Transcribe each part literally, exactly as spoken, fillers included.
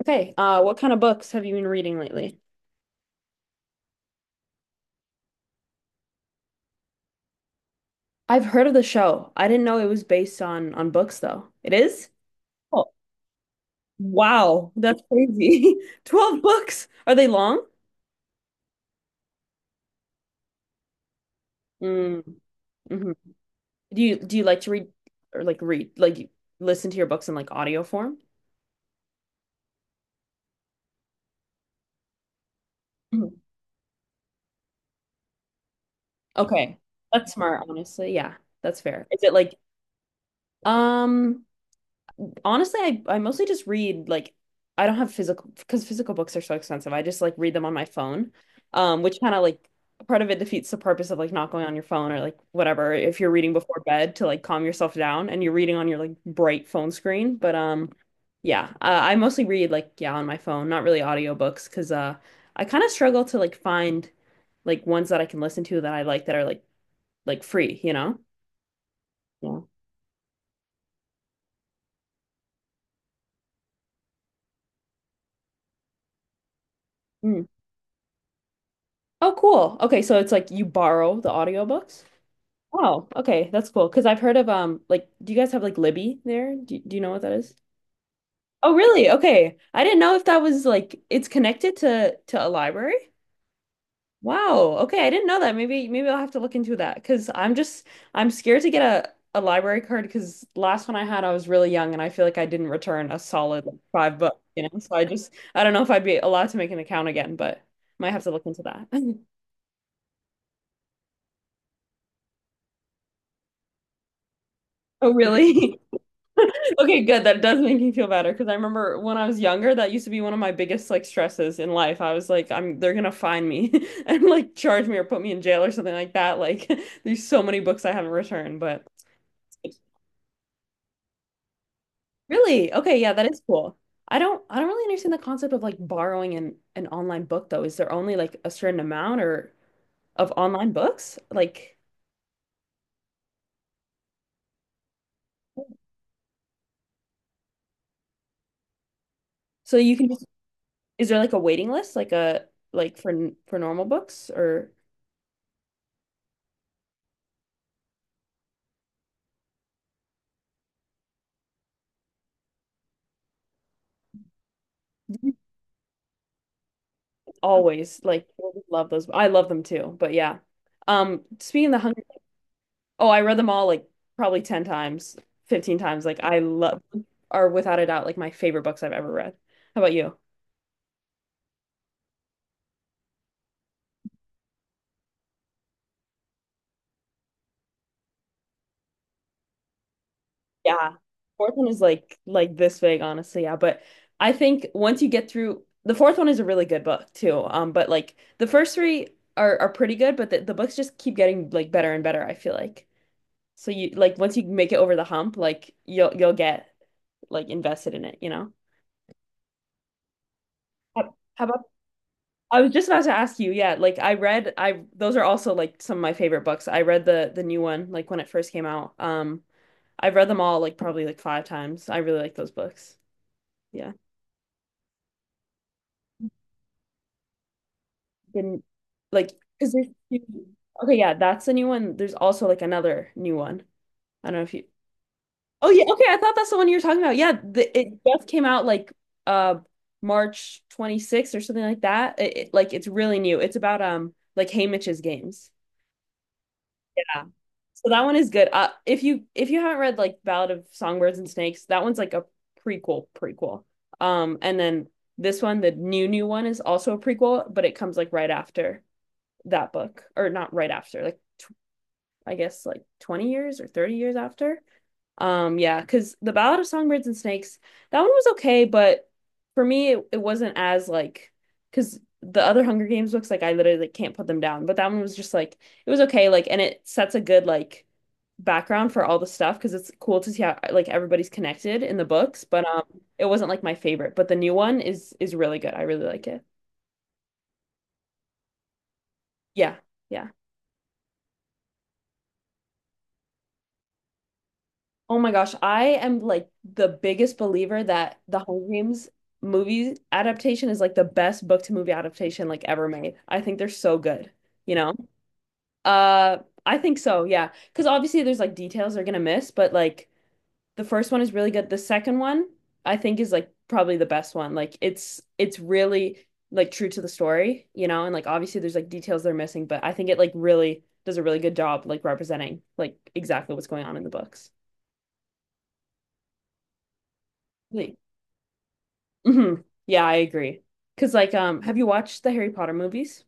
Okay, uh, what kind of books have you been reading lately? I've heard of the show. I didn't know it was based on on books though. It is? Oh, wow, that's crazy. twelve books. Are they long? Mm, hmm. Do you do you like to read or like read like you listen to your books in like audio form? Mhm. Okay. That's smart, honestly. Yeah, that's fair. Is it like um honestly, I, I mostly just read like I don't have physical because physical books are so expensive. I just like read them on my phone, um, which kind of like part of it defeats the purpose of like not going on your phone or like whatever if you're reading before bed to like calm yourself down and you're reading on your like bright phone screen. But um, yeah, uh, I mostly read like yeah on my phone, not really audiobooks because uh, I kind of struggle to like find like ones that I can listen to that I like that are like like free, you know? Yeah. Mm. Oh, cool. Okay, so it's like you borrow the audiobooks. Oh, okay, that's cool. Because I've heard of um, like, do you guys have like Libby there? Do, do you know what that is? Oh, really? Okay, I didn't know if that was like it's connected to to a library. Wow. Okay, I didn't know that. Maybe maybe I'll have to look into that because I'm just I'm scared to get a a library card because last one I had I was really young and I feel like I didn't return a solid like, five bucks, you know. So I just I don't know if I'd be allowed to make an account again, but might have to look into that. Oh, really? Okay, good. That does make me feel better because I remember when I was younger, that used to be one of my biggest like stresses in life. I was like, I'm they're gonna find me and like charge me or put me in jail or something like that. Like there's so many books I haven't returned, but really, okay, yeah, that is cool. I don't I don't really understand the concept of like borrowing an, an online book though. Is there only like a certain amount or of online books? Like so you can just is there like a waiting list like a like for n- for normal books or always like love those. I love them too, but yeah. Um, speaking of the Hunger, oh, I read them all like probably ten times, fifteen times. Like I love are without a doubt like my favorite books I've ever read. How about you? Yeah. Fourth one is like like this big, honestly. Yeah, but I think once you get through the fourth one is a really good book too. Um, but like the first three are are pretty good, but the, the books just keep getting like better and better, I feel like. So you like once you make it over the hump, like you'll you'll get like invested in it, you know? How how about I was just about to ask you, yeah, like I read I those are also like some of my favorite books. I read the the new one like when it first came out. Um I've read them all like probably like five times. I really like those books. Yeah. Didn't like because there's two- okay, yeah, that's the new one. There's also like another new one. I don't know if you oh yeah, okay, I thought that's the one you were talking about. Yeah, the, it just came out like uh March twenty-sixth or something like that. It, it- like it's really new. It's about um like Haymitch's games. Yeah. So that one is good. Uh, if you if you haven't read like Ballad of Songbirds and Snakes, that one's like a prequel prequel. Um, and then this one, the new new one, is also a prequel, but it comes like right after that book, or not right after, like tw- I guess like twenty years or thirty years after. Um, yeah, because The Ballad of Songbirds and Snakes, that one was okay, but for me, it, it wasn't as like, because the other Hunger Games books, like I literally like, can't put them down, but that one was just like it was okay, like, and it sets a good like background for all the stuff because it's cool to see how like everybody's connected in the books, but um, it wasn't like my favorite, but the new one is is really good. I really like it. Yeah, yeah. Oh my gosh, I am like the biggest believer that the Hunger Games movie adaptation is like the best book to movie adaptation like ever made. I think they're so good, you know? Uh, I think so, yeah. Because obviously there's like details they're gonna miss, but like the first one is really good. The second one I think is like probably the best one. Like it's it's really like true to the story, you know? And like obviously there's like details they're missing, but I think it like really does a really good job like representing like exactly what's going on in the books. Like, hmm. Yeah, I agree. Because like um have you watched the Harry Potter movies?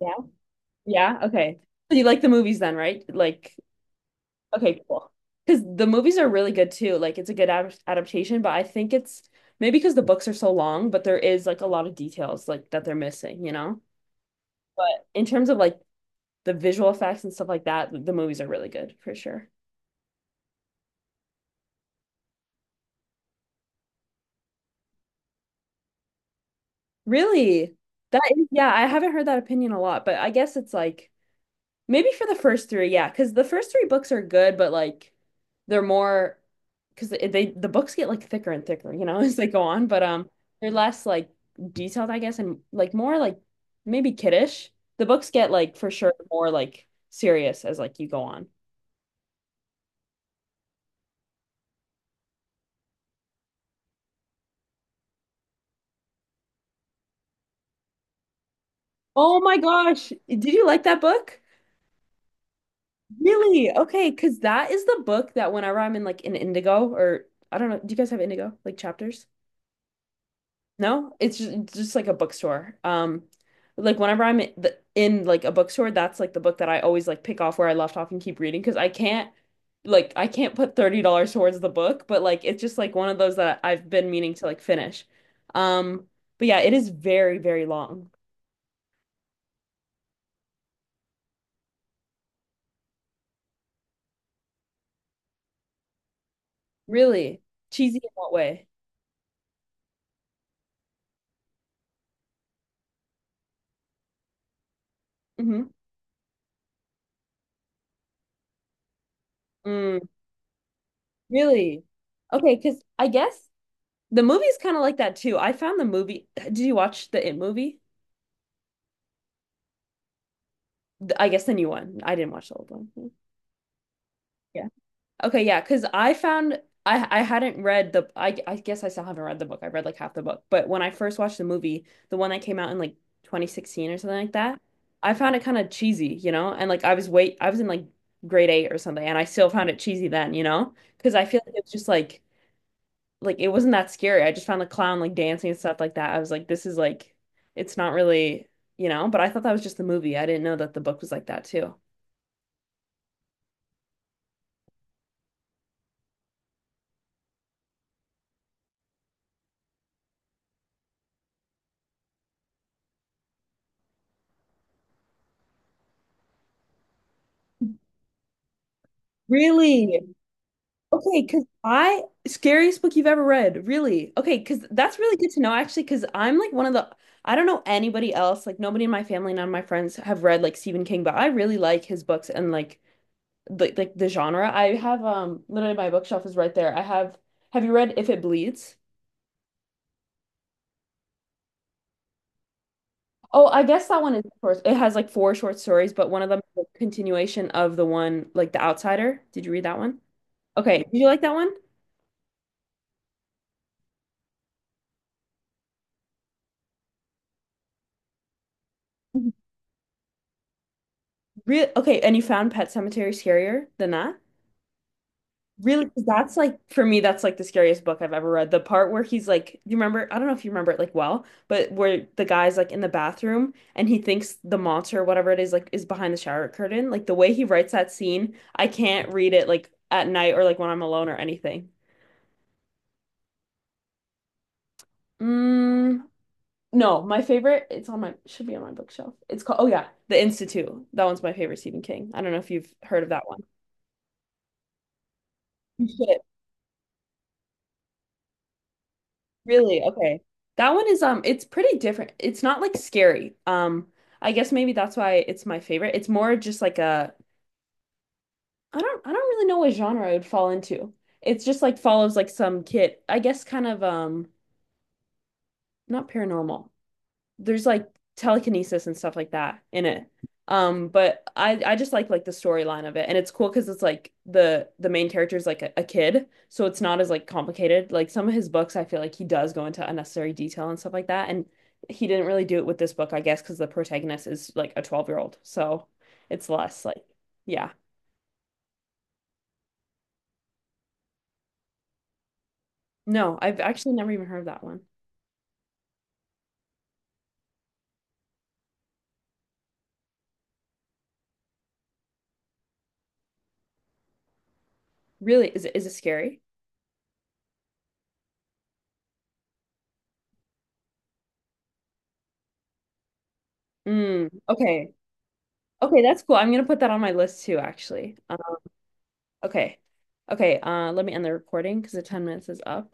Yeah. Yeah, okay. So you like the movies then, right? Like okay, cool. Because the movies are really good too. Like it's a good ad adaptation, but I think it's maybe because the books are so long, but there is like a lot of details like that they're missing, you know? But in terms of like the visual effects and stuff like that, the movies are really good for sure. Really? That is, yeah, I haven't heard that opinion a lot, but I guess it's like maybe for the first three, yeah, because the first three books are good, but like they're more because they, they the books get like thicker and thicker, you know, as they go on. But um, they're less like detailed, I guess, and like more like maybe kiddish. The books get like for sure more like serious as like you go on. Oh my gosh, did you like that book? Really? Okay, because that is the book that whenever I'm in like an Indigo or I don't know, do you guys have Indigo like chapters? No, it's just, it's just like a bookstore. Um, like whenever I'm in, the, in like a bookstore, that's like the book that I always like pick off where I left off and keep reading because I can't like I can't put thirty dollars towards the book, but like it's just like one of those that I've been meaning to like finish. Um, but yeah, it is very, very long. Really? Cheesy in what way? Hmm. Mm, really? Okay, because I guess the movie's kind of like that too. I found the movie. Did you watch the It movie? The- I guess the new one. I didn't watch the old one. Yeah. Okay, yeah, because I found I I hadn't read the I I guess I still haven't read the book. I read like half the book, but when I first watched the movie, the one that came out in like twenty sixteen or something like that, I found it kind of cheesy, you know? And like I was wait I was in like grade eight or something, and I still found it cheesy then, you know? Because I feel like it's just like like it wasn't that scary. I just found the clown like dancing and stuff like that. I was like, this is like it's not really, you know? But I thought that was just the movie. I didn't know that the book was like that too. Really? Okay, because I scariest book you've ever read, really. Okay, because that's really good to know actually, because I'm like one of the I don't know anybody else, like nobody in my family, none of my friends have read like Stephen King, but I really like his books and like the like the genre. I have um literally my bookshelf is right there. I have have you read If It Bleeds? Oh, I guess that one is short. It has like four short stories, but one of them is a continuation of the one like The Outsider. Did you read that one? Okay, did you like that one? Real okay, and you found Pet Cemetery scarier than that? Really, 'cause that's like for me, that's like the scariest book I've ever read. The part where he's like, you remember, I don't know if you remember it like well, but where the guy's like in the bathroom and he thinks the monster, whatever it is, like is behind the shower curtain. Like the way he writes that scene, I can't read it like at night or like when I'm alone or anything. Mm, no, my favorite, it's on my, should be on my bookshelf. It's called, oh yeah, The Institute. That one's my favorite Stephen King. I don't know if you've heard of that one. You should. Really? Okay. That one is um it's pretty different. It's not like scary. Um, I guess maybe that's why it's my favorite. It's more just like a I don't I don't really know what genre it would fall into. It's just like follows like some kid. I guess kind of um not paranormal. There's like telekinesis and stuff like that in it. Um, but I I just like like the storyline of it, and it's cool because it's like the the main character is like a, a kid, so it's not as like complicated. Like some of his books, I feel like he does go into unnecessary detail and stuff like that, and he didn't really do it with this book, I guess, because the protagonist is like a twelve year old, so it's less like yeah. No, I've actually never even heard of that one. Really, is it is it scary? Mm, okay. Okay, that's cool. I'm gonna put that on my list too, actually. Um, Okay. Okay, uh, let me end the recording because the ten minutes is up.